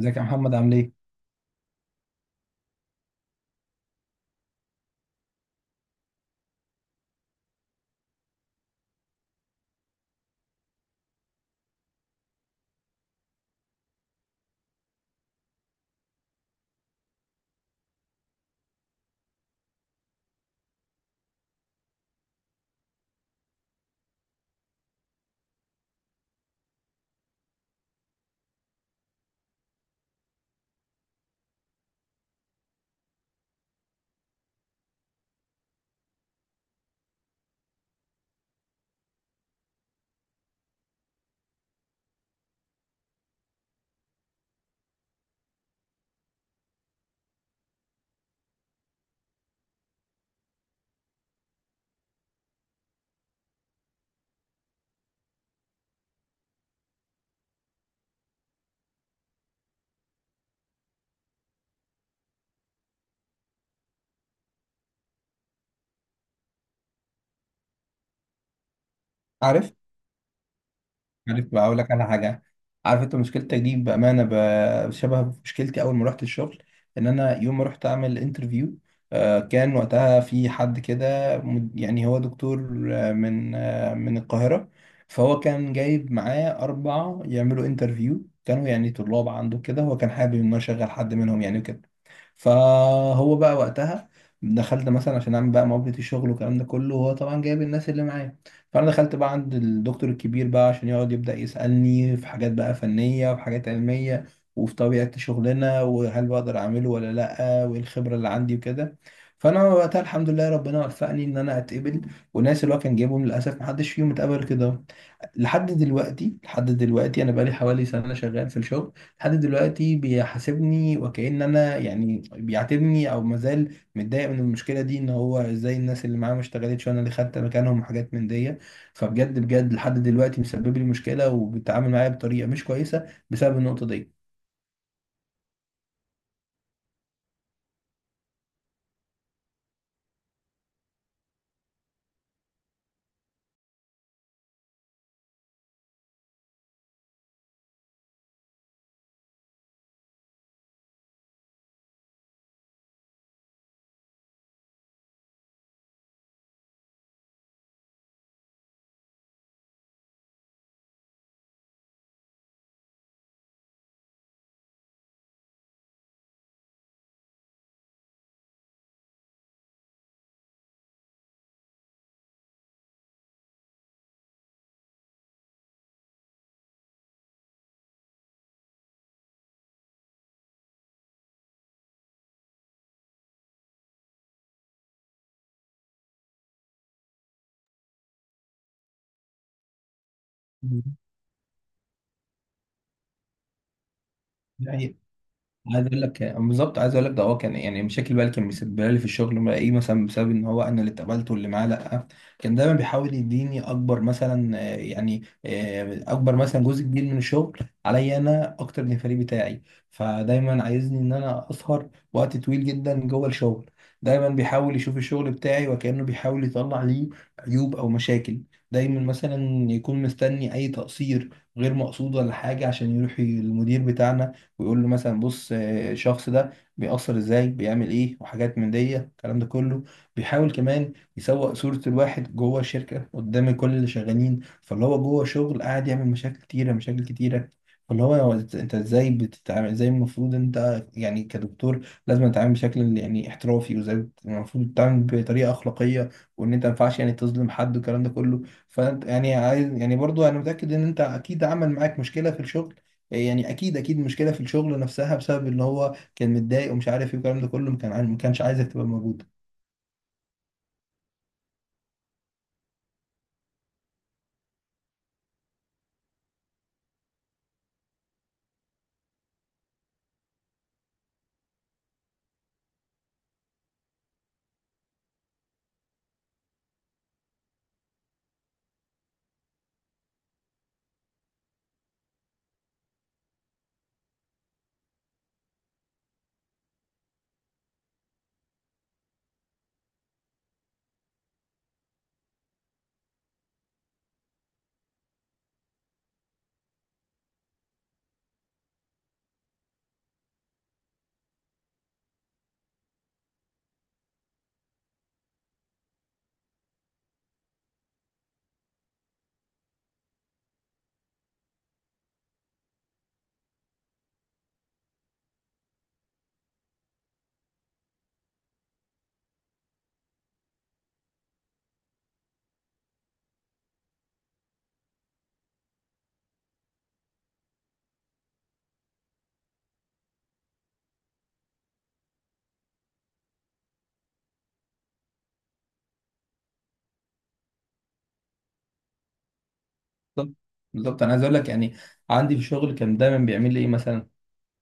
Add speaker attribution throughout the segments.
Speaker 1: ازيك يا محمد عامل ايه؟ عارف؟ عارف بقى اقول لك على حاجه. عارف انت مشكلتك دي بامانه شبه مشكلتي اول ما رحت الشغل، ان انا يوم ما رحت اعمل انترفيو كان وقتها في حد كده يعني هو دكتور من القاهره. فهو كان جايب معاه اربعه يعملوا انترفيو، كانوا يعني طلاب عنده كده، هو كان حابب ان هو يشغل حد منهم يعني كده. فهو بقى وقتها دخلت مثلا عشان اعمل بقى مقابله الشغل والكلام ده كله، وهو طبعا جايب الناس اللي معاه. فانا دخلت بقى عند الدكتور الكبير بقى عشان يقعد يبدا يسالني في حاجات بقى فنيه وفي حاجات علميه وفي طبيعه شغلنا، وهل بقدر اعمله ولا لا، وايه الخبره اللي عندي وكده. فانا وقتها الحمد لله ربنا وفقني ان انا اتقبل، والناس اللي هو كان جايبهم للاسف محدش فيهم اتقبل كده. لحد دلوقتي انا بقالي حوالي سنه شغال في الشغل، لحد دلوقتي بيحاسبني وكأن انا يعني بيعاتبني او مازال متضايق من المشكله دي، ان هو ازاي الناس اللي معاه ما اشتغلتش وانا اللي خدت مكانهم وحاجات من دي. فبجد بجد لحد دلوقتي مسبب لي مشكله وبيتعامل معايا بطريقه مش كويسه بسبب النقطه دي. مم. يعني عايز اقول لك بالظبط، عايز اقول لك، ده هو كان يعني مشاكل بقى اللي كان مسببها لي في الشغل ما ايه مثلا بسبب ان هو انا اللي اتقبلت واللي معاه، لا. كان دايما بيحاول يديني اكبر مثلا اكبر مثلا جزء كبير من الشغل عليا انا اكتر من الفريق بتاعي. فدايما عايزني ان انا اسهر وقت طويل جدا جوه الشغل. دايما بيحاول يشوف الشغل بتاعي وكأنه بيحاول يطلع ليه عيوب او مشاكل. دايما مثلا يكون مستني اي تقصير غير مقصود ولا حاجة عشان يروح المدير بتاعنا ويقول له مثلا بص الشخص ده بيأثر ازاي، بيعمل ايه، وحاجات من دي الكلام ده كله. بيحاول كمان يسوق صورة الواحد جوه الشركة قدام كل اللي شغالين، فاللي هو جوه شغل قاعد يعمل مشاكل كتيرة مشاكل كتيرة. فاللي هو انت ازاي بتتعامل، ازاي المفروض انت يعني كدكتور لازم تتعامل بشكل يعني احترافي، وازاي المفروض تتعامل بطريقة أخلاقية، وان انت ما ينفعش يعني تظلم حد والكلام ده كله. فانت يعني عايز يعني برضو انا متأكد ان انت اكيد عمل معاك مشكلة في الشغل، يعني اكيد اكيد مشكله في الشغل نفسها بسبب ان هو كان متضايق ومش عارف ايه والكلام ده كله، ما كانش عايزك تبقى موجوده. بالظبط. بالظبط انا عايز اقول لك يعني عندي في الشغل كان دايما بيعمل لي ايه مثلا.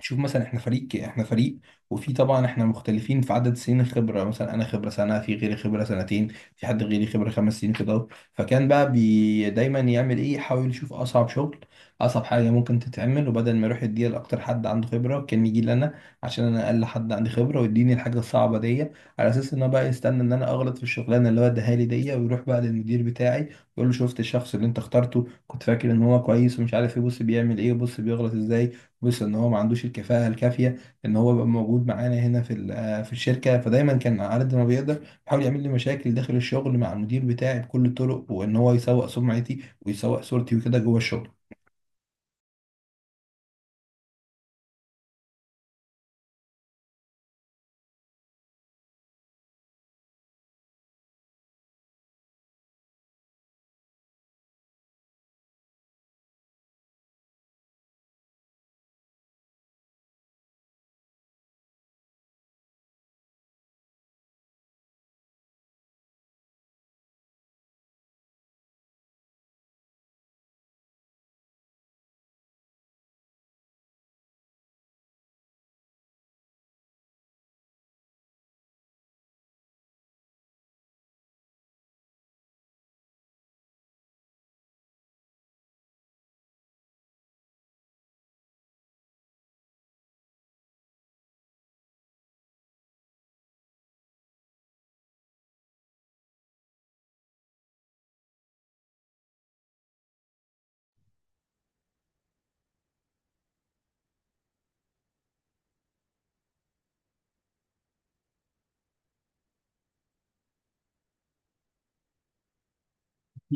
Speaker 1: شوف مثلا، احنا فريق احنا فريق، وفي طبعا احنا مختلفين في عدد سنين الخبره، مثلا انا خبره سنه، في غيري خبره سنتين، في حد غيري خبره 5 سنين كده. فكان بقى بي دايما يعمل ايه يحاول يشوف اصعب شغل، اصعب حاجه ممكن تتعمل، وبدل ما يروح يديها لاكتر حد عنده خبره كان يجي لنا عشان انا اقل حد عندي خبره ويديني الحاجه الصعبه دي. على اساس ان هو بقى يستنى ان انا اغلط في الشغلانه اللي هو اداها لي دي ويروح بقى للمدير بتاعي ويقول له شفت الشخص اللي انت اخترته كنت فاكر ان هو كويس ومش عارف ايه، بص بيعمل ايه وبص بيغلط ازاي، وصل ان هو ما عندوش الكفاءه الكافيه ان هو يبقى موجود معانا هنا في في الشركه. فدايما كان على قد ما بيقدر بيحاول يعمل لي مشاكل داخل الشغل مع المدير بتاعي بكل الطرق، وان هو يسوق سمعتي ويسوق صورتي وكده جوه الشغل.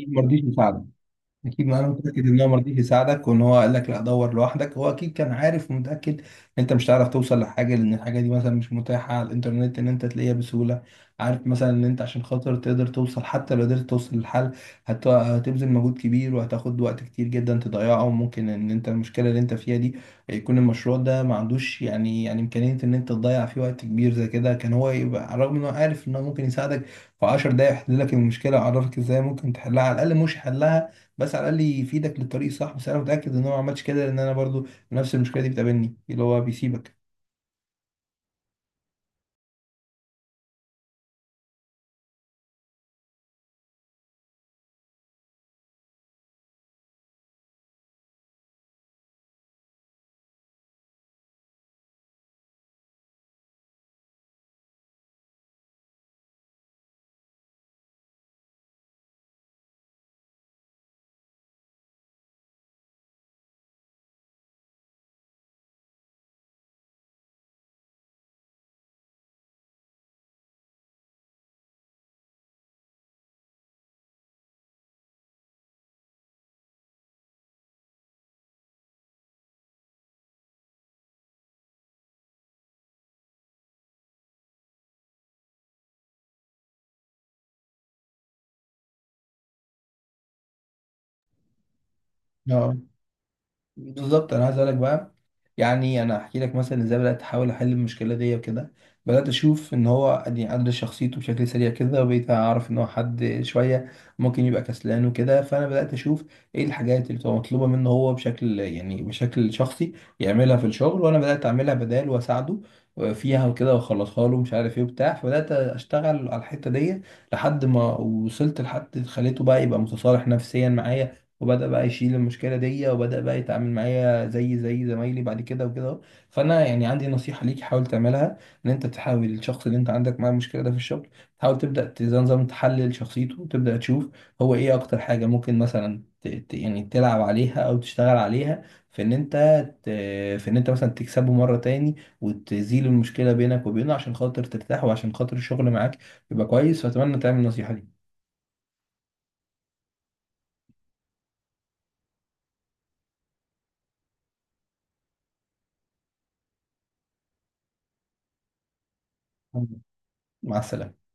Speaker 1: ما رضيش يساعده؟ اكيد، ما انا متاكد ان هو ما رضيش يساعدك، وان هو قال لك لا دور لوحدك. هو اكيد كان عارف ومتاكد ان انت مش هتعرف توصل لحاجه لان الحاجه دي مثلا مش متاحه على الانترنت ان انت تلاقيها بسهوله. عارف مثلا ان انت عشان خاطر تقدر توصل، حتى لو قدرت توصل للحل هتبذل مجهود كبير وهتاخد وقت كتير جدا تضيعه، وممكن ان انت المشكله اللي انت فيها دي يكون المشروع ده ما عندوش يعني امكانيه ان انت تضيع فيه وقت كبير زي كده. كان هو يبقى على الرغم ان هو عارف ان هو ممكن يساعدك في 10 دقايق يحل لك المشكله ويعرفك ازاي ممكن تحلها على الاقل، مش حلها بس على الاقل يفيدك للطريق الصح. بس انا متاكد ان هو ما عملش كده، لان انا برضو نفس المشكله دي بتقابلني اللي هو بيسيبك. اه. بالظبط انا عايز اقولك بقى يعني انا احكي لك مثلا ازاي بدات احاول احل المشكله دي وكده. بدات اشوف ان هو يعني ادرس شخصيته بشكل سريع كده وبقيت اعرف ان هو حد شويه ممكن يبقى كسلان وكده. فانا بدات اشوف ايه الحاجات اللي بتبقى مطلوبه منه هو بشكل يعني بشكل شخصي يعملها في الشغل، وانا بدات اعملها بدال واساعده فيها وكده واخلصها له مش عارف ايه وبتاع. فبدات اشتغل على الحته دي لحد ما وصلت لحد خليته بقى يبقى متصالح نفسيا معايا، وبدأ بقى يشيل المشكلة دي، وبدأ بقى يتعامل معايا زي زمايلي بعد كده وكده. فأنا يعني عندي نصيحة ليك حاول تعملها، إن أنت تحاول الشخص اللي أنت عندك معاه المشكلة ده في الشغل تحاول زي نظام تحلل شخصيته وتبدأ تشوف هو إيه أكتر حاجة ممكن مثلا يعني تلعب عليها أو تشتغل عليها، في إن أنت ت- في إن أنت مثلا تكسبه مرة تاني وتزيل المشكلة بينك وبينه عشان خاطر ترتاح وعشان خاطر الشغل معاك يبقى كويس. فأتمنى تعمل النصيحة دي. مع السلامة.